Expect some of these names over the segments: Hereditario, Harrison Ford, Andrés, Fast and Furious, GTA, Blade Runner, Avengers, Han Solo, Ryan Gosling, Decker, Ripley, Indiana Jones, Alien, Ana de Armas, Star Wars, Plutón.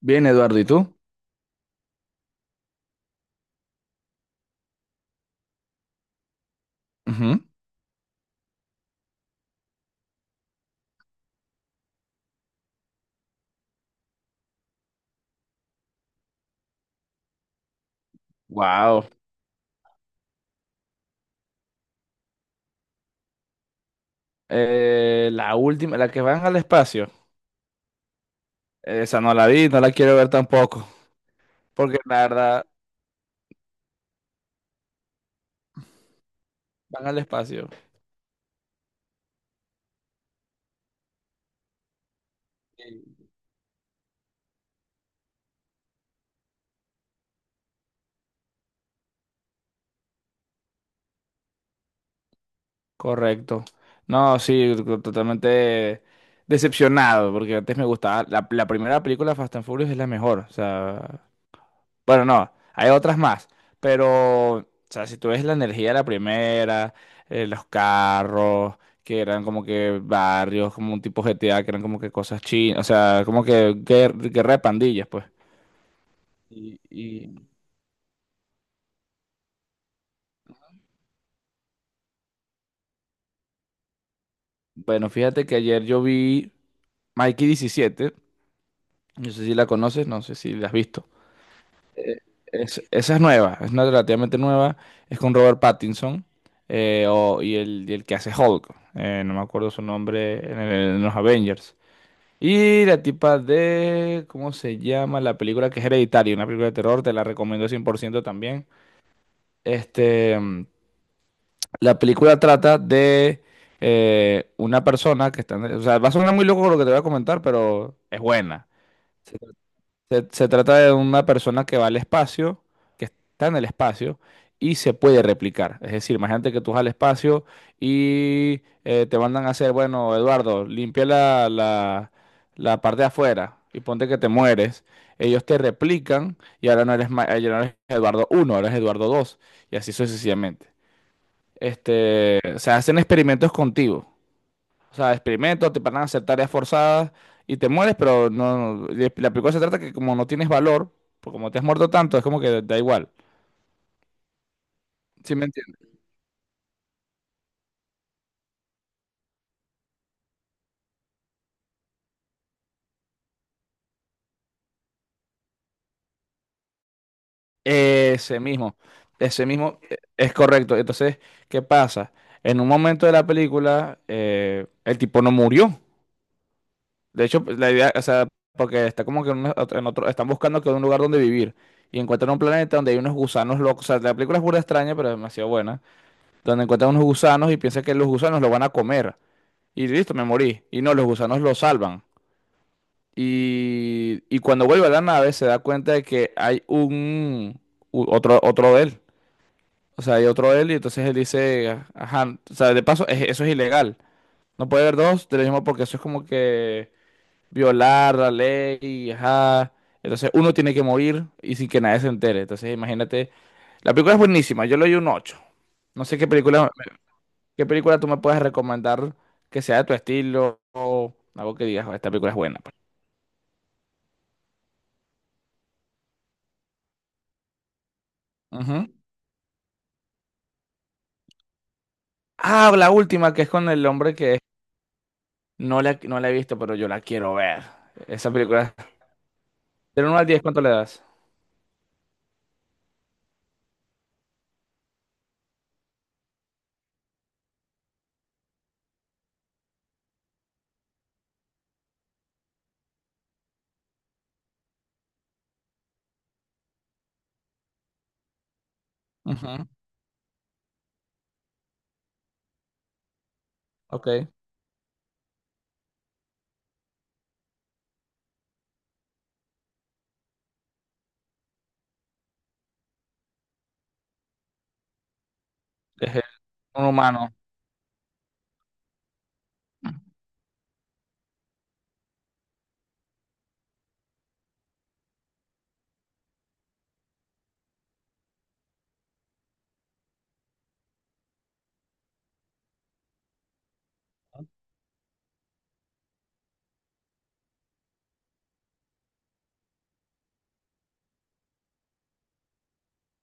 Bien, Eduardo, ¿y tú? Wow. La última, la que van al espacio. Esa no la vi, no la quiero ver tampoco. Porque la verdad, van al espacio. Sí. Correcto. No, sí, totalmente decepcionado. Porque antes me gustaba. La primera película Fast and Furious es la mejor. O sea. Bueno, no, hay otras más, pero, o sea, si tú ves la energía de la primera, los carros, que eran como que barrios, como un tipo GTA, que eran como que cosas chinas, o sea, como que guerra de pandillas, pues. Y, y, bueno, fíjate que ayer yo vi Mikey 17. No sé si la conoces, no sé si la has visto. Eh, esa es nueva, es una relativamente nueva, es con Robert Pattinson y el que hace Hulk, no me acuerdo su nombre en, en los Avengers. Y la tipa de, ¿cómo se llama? La película que es Hereditario, una película de terror, te la recomiendo 100% también. Este, mm, la película trata de una persona que está, o sea, va a sonar muy loco lo que te voy a comentar, pero es buena. Se trata de una persona que va al espacio, que está en el espacio y se puede replicar. Es decir, imagínate que tú vas al espacio y te mandan a hacer, bueno, Eduardo, limpia la parte de afuera y ponte que te mueres. Ellos te replican y ahora no eres, ya no eres Eduardo 1, ahora eres Eduardo 2 y así sucesivamente. Este, se hacen experimentos contigo. O sea, experimentos, te van a hacer tareas forzadas y te mueres, pero no, la película se trata que como no tienes valor, pues como te has muerto tanto, es como que da igual. ¿Sí me entiendes? Ese mismo, ese mismo, es correcto. Entonces, ¿qué pasa? En un momento de la película, el tipo no murió. De hecho, pues, la idea, o sea, porque está como que en en otro, están buscando que un lugar donde vivir y encuentran un planeta donde hay unos gusanos locos. O sea, la película es burda extraña, pero es demasiado buena. Donde encuentran unos gusanos y piensan que los gusanos lo van a comer. Y listo, me morí. Y no, los gusanos lo salvan. Y cuando vuelve a la nave se da cuenta de que hay otro él. O sea, hay otro él y entonces él dice, ajá, o sea, de paso, eso es ilegal. No puede haber dos del mismo porque eso es como que violar la ley, ajá. Entonces uno tiene que morir y sin que nadie se entere. Entonces imagínate, la película es buenísima, yo le doy un 8. No sé qué película. ¿Qué película tú me puedes recomendar que sea de tu estilo o algo que digas, "Oh, esta película es buena, pues"? Ujú. Ah, la última, que es con el hombre que no la, no la he visto, pero yo la quiero ver. Esa película. Del 1 al 10, ¿cuánto le das? Ujú. Ok. Es un humano.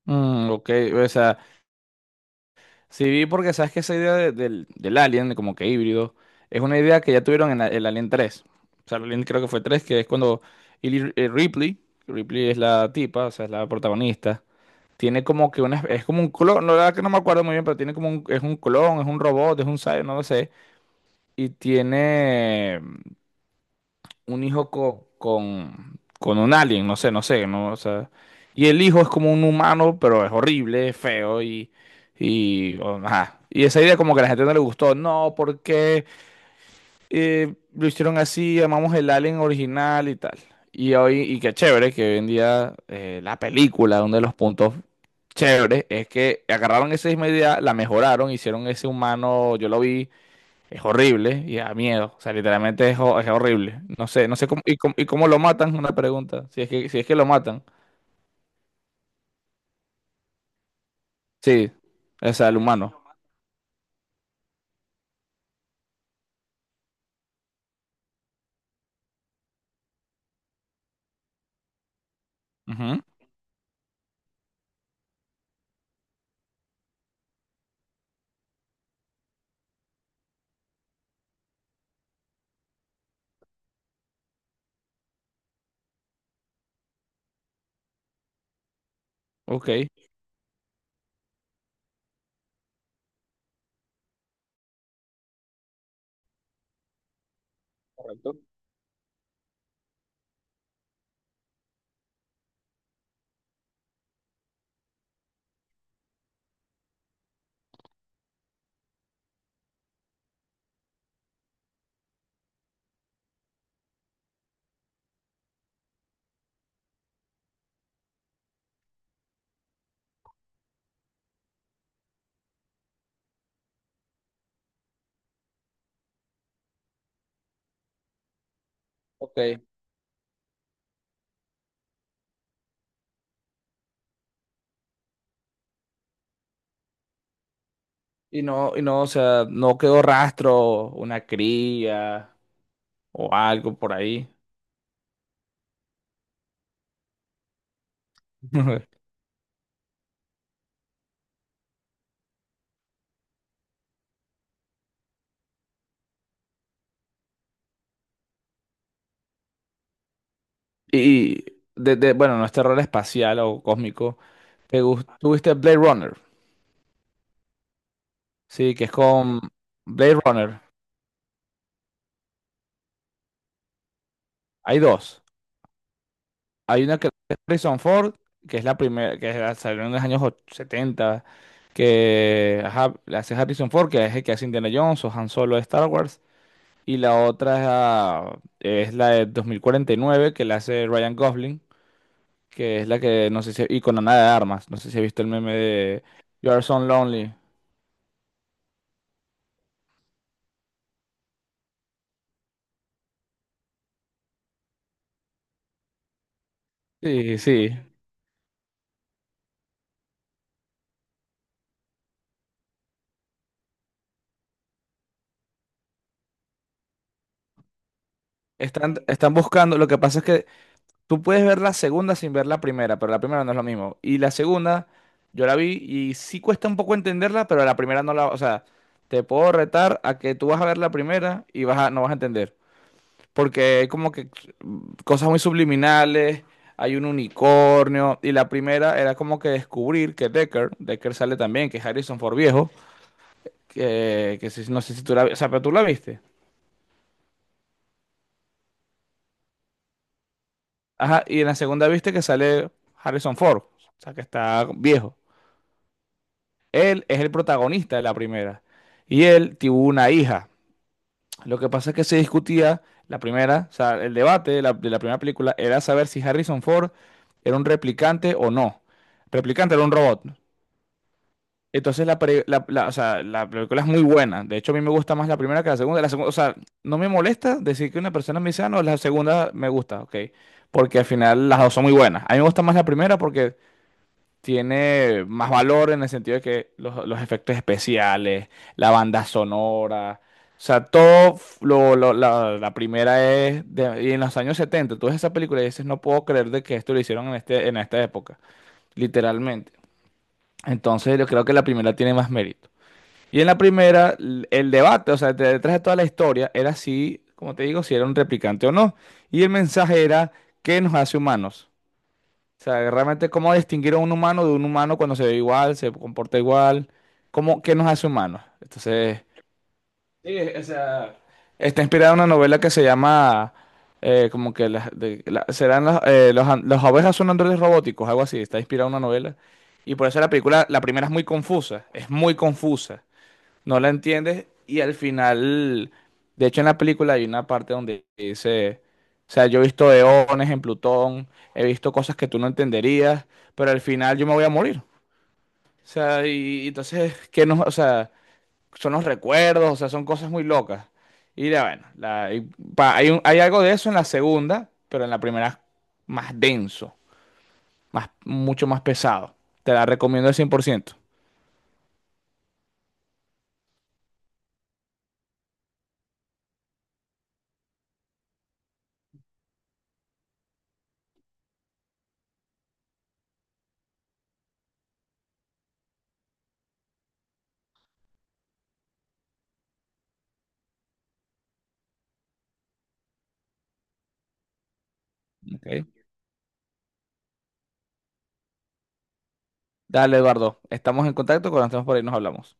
Mm, ok, o sea, sí vi porque sabes que esa idea del, del Alien, como que híbrido, es una idea que ya tuvieron en el Alien 3. O sea, el Alien creo que fue 3 que es cuando Ripley, Ripley es la tipa, o sea, es la protagonista. Tiene como que una, es como un clon, no, la verdad que no me acuerdo muy bien, pero tiene como un, es un clon, es un robot, es un cyborg, no lo sé. Y tiene un hijo con un alien, no sé, no sé, no, o sea. Y el hijo es como un humano, pero es horrible, es feo y, ajá. Y esa idea como que a la gente no le gustó, no, ¿por qué? Lo hicieron así, llamamos el Alien original y tal. Y hoy, y qué chévere que hoy en día la película, uno de los puntos chéveres, es que agarraron esa misma idea, la mejoraron, hicieron ese humano, yo lo vi, es horrible y da miedo. O sea, literalmente es, es horrible. No sé, no sé cómo, y cómo, y cómo lo matan, una pregunta. Si es que, si es que lo matan. Sí, o sea, el humano. Ujú. Ok. Correcto. Ok. Y no, o sea, no quedó rastro, una cría, o algo por ahí. Y de, bueno, no es terror espacial o cósmico. ¿Te gus- ¿Tuviste Blade Runner? Sí, que es con Blade Runner. Hay dos. Hay una que es Harrison Ford, que es la primera, que es salió en los 70, que ajá, la hace Harrison Ford, que es el que hace Indiana Jones o Han Solo de Star Wars. Y la otra es, ah, es la de 2049, que la hace Ryan Gosling, que es la que, no sé si, y con Ana de Armas, no sé si has visto el meme de You Are So Lonely. Sí, sí. Están, están buscando. Lo que pasa es que tú puedes ver la segunda sin ver la primera, pero la primera no es lo mismo. Y la segunda, yo la vi y sí cuesta un poco entenderla, pero la primera no la. O sea, te puedo retar a que tú vas a ver la primera y vas a, no vas a entender. Porque hay como que cosas muy subliminales, hay un unicornio. Y la primera era como que descubrir que Decker sale también, que es Harrison Ford viejo, que no sé si tú la, o sea, pero tú la viste. Ajá, y en la segunda viste que sale Harrison Ford, o sea, que está viejo. Él es el protagonista de la primera. Y él tuvo una hija. Lo que pasa es que se discutía la primera, o sea, el debate de la primera película era saber si Harrison Ford era un replicante o no. Replicante era un robot. Entonces la, pre- la- la- o sea, la película es muy buena. De hecho, a mí me gusta más la primera que la segunda. La segunda, o sea, no me molesta decir que una persona me dice, "Ah, no, la segunda me gusta, ok". Porque al final las dos son muy buenas. A mí me gusta más la primera porque tiene más valor en el sentido de que los efectos especiales, la banda sonora, o sea, todo la primera es y en los años 70 tú ves esa película y dices, no puedo creer de que esto lo hicieron en este, en esta época, literalmente. Entonces yo creo que la primera tiene más mérito. Y en la primera, el debate, o sea, detrás de toda la historia, era si, como te digo, si era un replicante o no. Y el mensaje era, ¿qué nos hace humanos? O sea, realmente cómo distinguir a un humano de un humano cuando se ve igual, se comporta igual, cómo, qué nos hace humanos. Entonces, sí, o sea, está inspirada en una novela que se llama, como que las, serán los, las ovejas son androides robóticos, algo así, está inspirada en una novela. Y por eso la película, la primera es muy confusa, es muy confusa, no la entiendes y al final, de hecho en la película hay una parte donde dice, o sea, yo he visto eones en Plutón, he visto cosas que tú no entenderías, pero al final yo me voy a morir. O sea, y entonces, ¿qué nos, o sea, son los recuerdos, o sea, son cosas muy locas. Y ya, bueno, hay, hay algo de eso en la segunda, pero en la primera es más denso, más, mucho más pesado. Te la recomiendo al 100%. Ok. Dale, Eduardo, estamos en contacto, cuando estemos por ahí nos hablamos.